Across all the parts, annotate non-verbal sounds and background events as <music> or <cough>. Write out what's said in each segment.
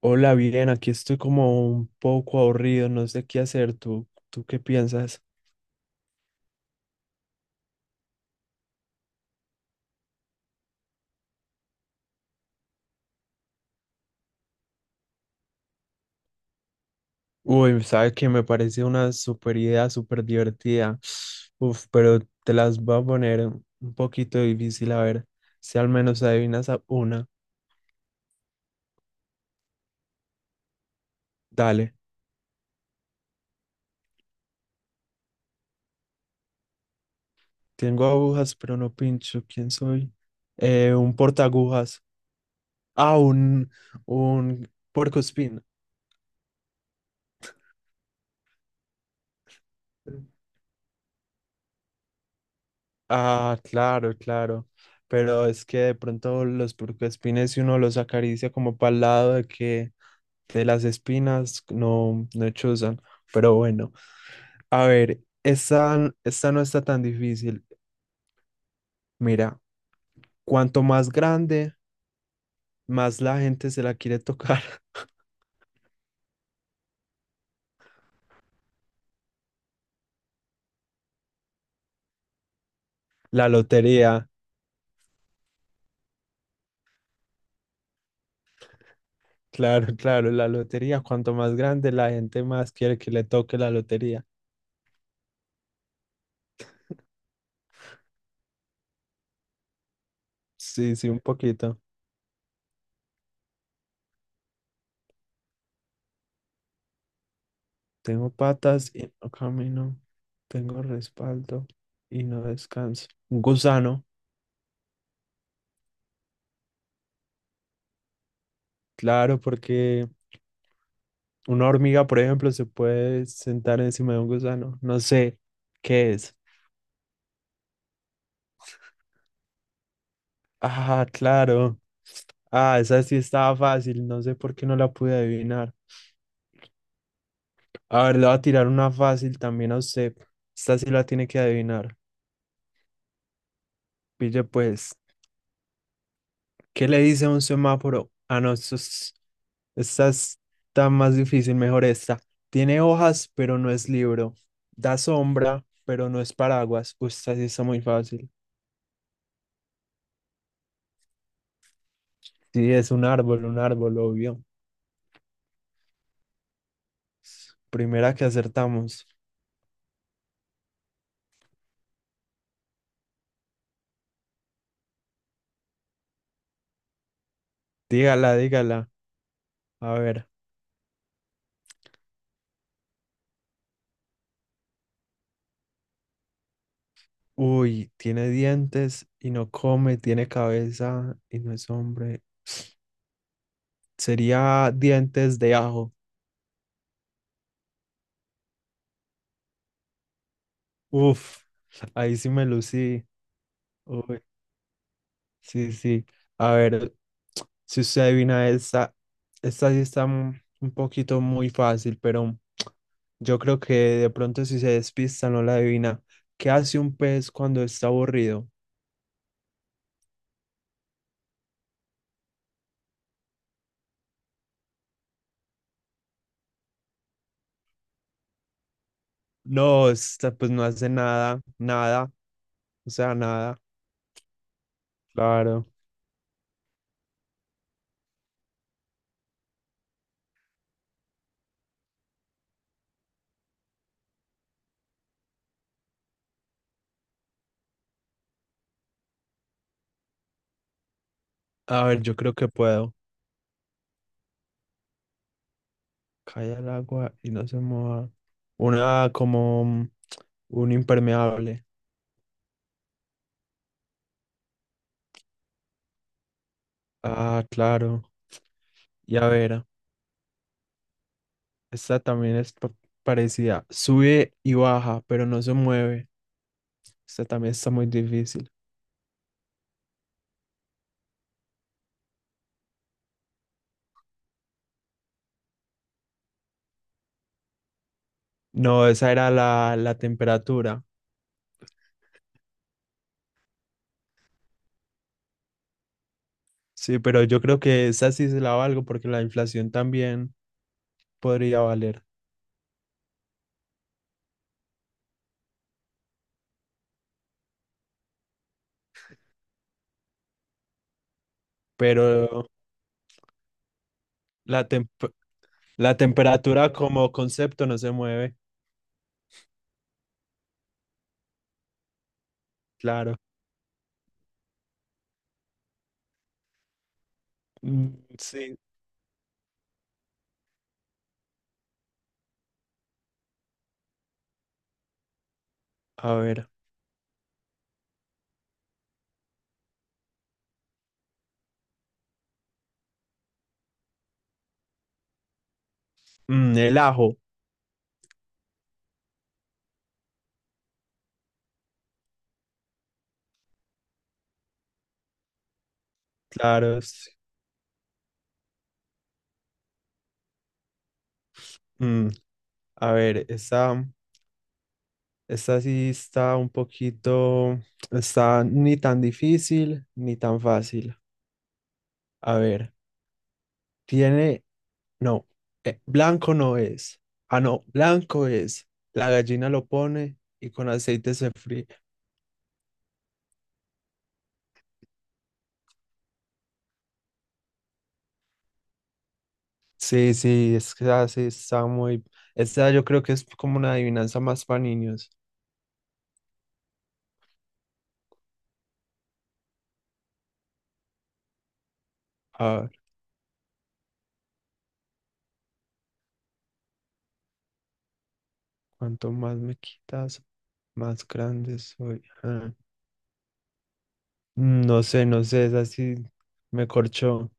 Hola, bien, aquí estoy como un poco aburrido, no sé qué hacer. ¿Tú qué piensas? Uy, sabes que me parece una super idea, súper divertida. Uf, pero te las voy a poner un poquito difícil, a ver si al menos adivinas a una. Dale, tengo agujas, pero no pincho. ¿Quién soy? Un portaagujas. Ah, un, un puercoespín. Ah, claro, claro. Pero es que de pronto los puercoespines, si uno los acaricia como para el lado de que de las espinas, no chuzan. Pero bueno, a ver, esta no está tan difícil. Mira, cuanto más grande, más la gente se la quiere tocar. <laughs> La lotería, claro, claro, la lotería. Cuanto más grande, la gente más quiere que le toque la lotería. Sí, sí, un poquito. Tengo patas y no camino. Tengo respaldo y no descanso. Un gusano, claro, porque una hormiga, por ejemplo, se puede sentar encima de un gusano. No sé qué es. Ah, claro. Ah, esa sí estaba fácil. No sé por qué no la pude adivinar. A ver, le voy a tirar una fácil también a usted. Esta sí la tiene que adivinar. Pille pues. ¿Qué le dice un semáforo? Ah, no, esta está más difícil, mejor esta. Tiene hojas, pero no es libro. Da sombra, pero no es paraguas. Uy, esta sí está muy fácil. Sí, es un árbol, obvio. Primera que acertamos. Dígala, dígala. A ver. Uy, tiene dientes y no come, tiene cabeza y no es hombre. Sería dientes de ajo. Uf, ahí sí me lucí. Uy, sí, sí. A ver, si usted adivina esta, esta sí está un poquito muy fácil, pero yo creo que de pronto si se despista no la adivina. ¿Qué hace un pez cuando está aburrido? No, esta pues no hace nada, nada, o sea, nada. Claro. A ver, yo creo que puedo. Cae al agua y no se mueva. Una como un impermeable. Ah, claro. Y a ver, esta también es parecida. Sube y baja, pero no se mueve. Esta también está muy difícil. No, esa era la temperatura. Sí, pero yo creo que esa sí se la valgo porque la inflación también podría valer. Pero la, tem- la temperatura como concepto no se mueve, claro. Mm, sí, a ver. Mm, el ajo, claro. Sí. Mm, a ver, esa sí está un poquito, está ni tan difícil ni tan fácil. A ver, tiene No, blanco no es. Ah, no, blanco es. La gallina lo pone y con aceite se fríe. Sí, sí, es que así está muy... Esta yo creo que es como una adivinanza más para niños. A ver, cuanto más me quitas, más grande soy. Ah, no sé, no sé, es así, me corchó.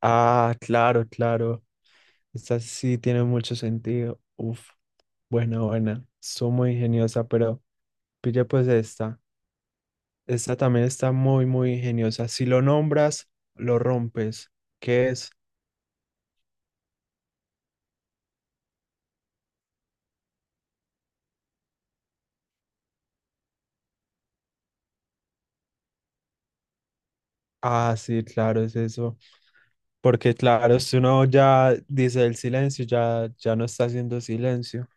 Ah, claro, claro. Esta sí tiene mucho sentido. Uf, buena, buena. Soy muy ingeniosa, pero pille pues esta. Esta también está muy, muy ingeniosa. Si lo nombras, lo rompes. ¿Qué es? Ah, sí, claro, es eso. Porque claro, si uno ya dice el silencio, ya, ya no está haciendo silencio.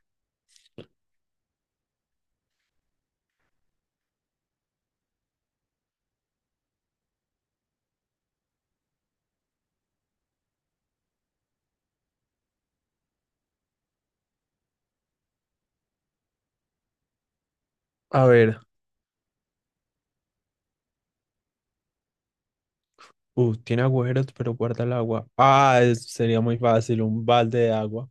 A ver, tiene agujeros, pero guarda el agua. Ah, sería muy fácil, un balde de agua.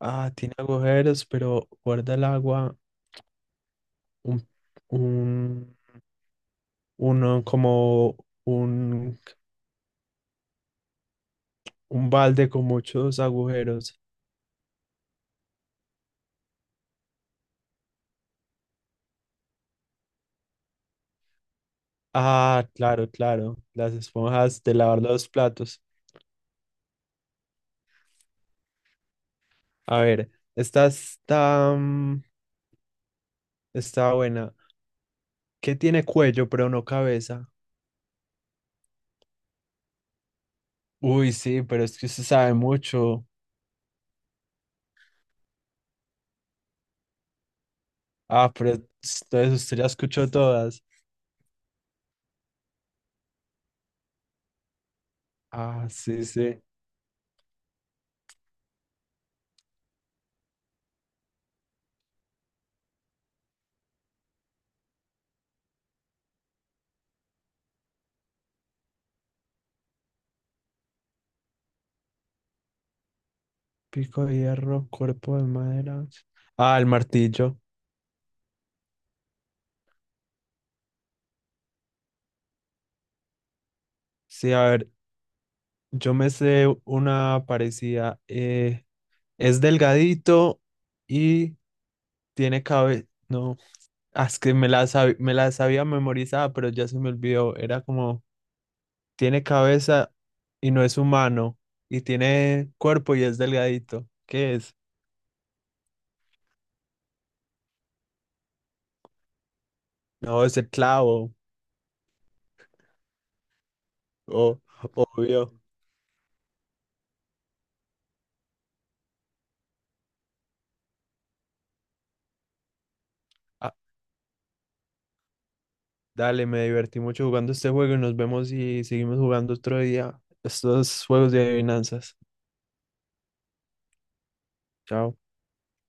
Ah, tiene agujeros, pero guarda el agua. Un, un, uno como un, un balde con muchos agujeros. Ah, claro, claro. Las esponjas de lavar los platos. A ver, esta está, mm, está buena. ¿Qué tiene cuello pero no cabeza? Uy, sí, pero es que usted sabe mucho. Ah, pero entonces usted ya escuchó todas. Ah, sí, sí. Pico de hierro, cuerpo de madera. Ah, el martillo. Sí, a ver, yo me sé una parecida. Eh, es delgadito y tiene cabeza. No. Ah, es que me la sabía memorizada, pero ya se me olvidó. Era como, tiene cabeza y no es humano, y tiene cuerpo y es delgadito. ¿Qué es? No, es el clavo. O obvio. Ah, dale, me divertí mucho jugando este juego y nos vemos y seguimos jugando otro día. Estos juegos de adivinanzas. Chao.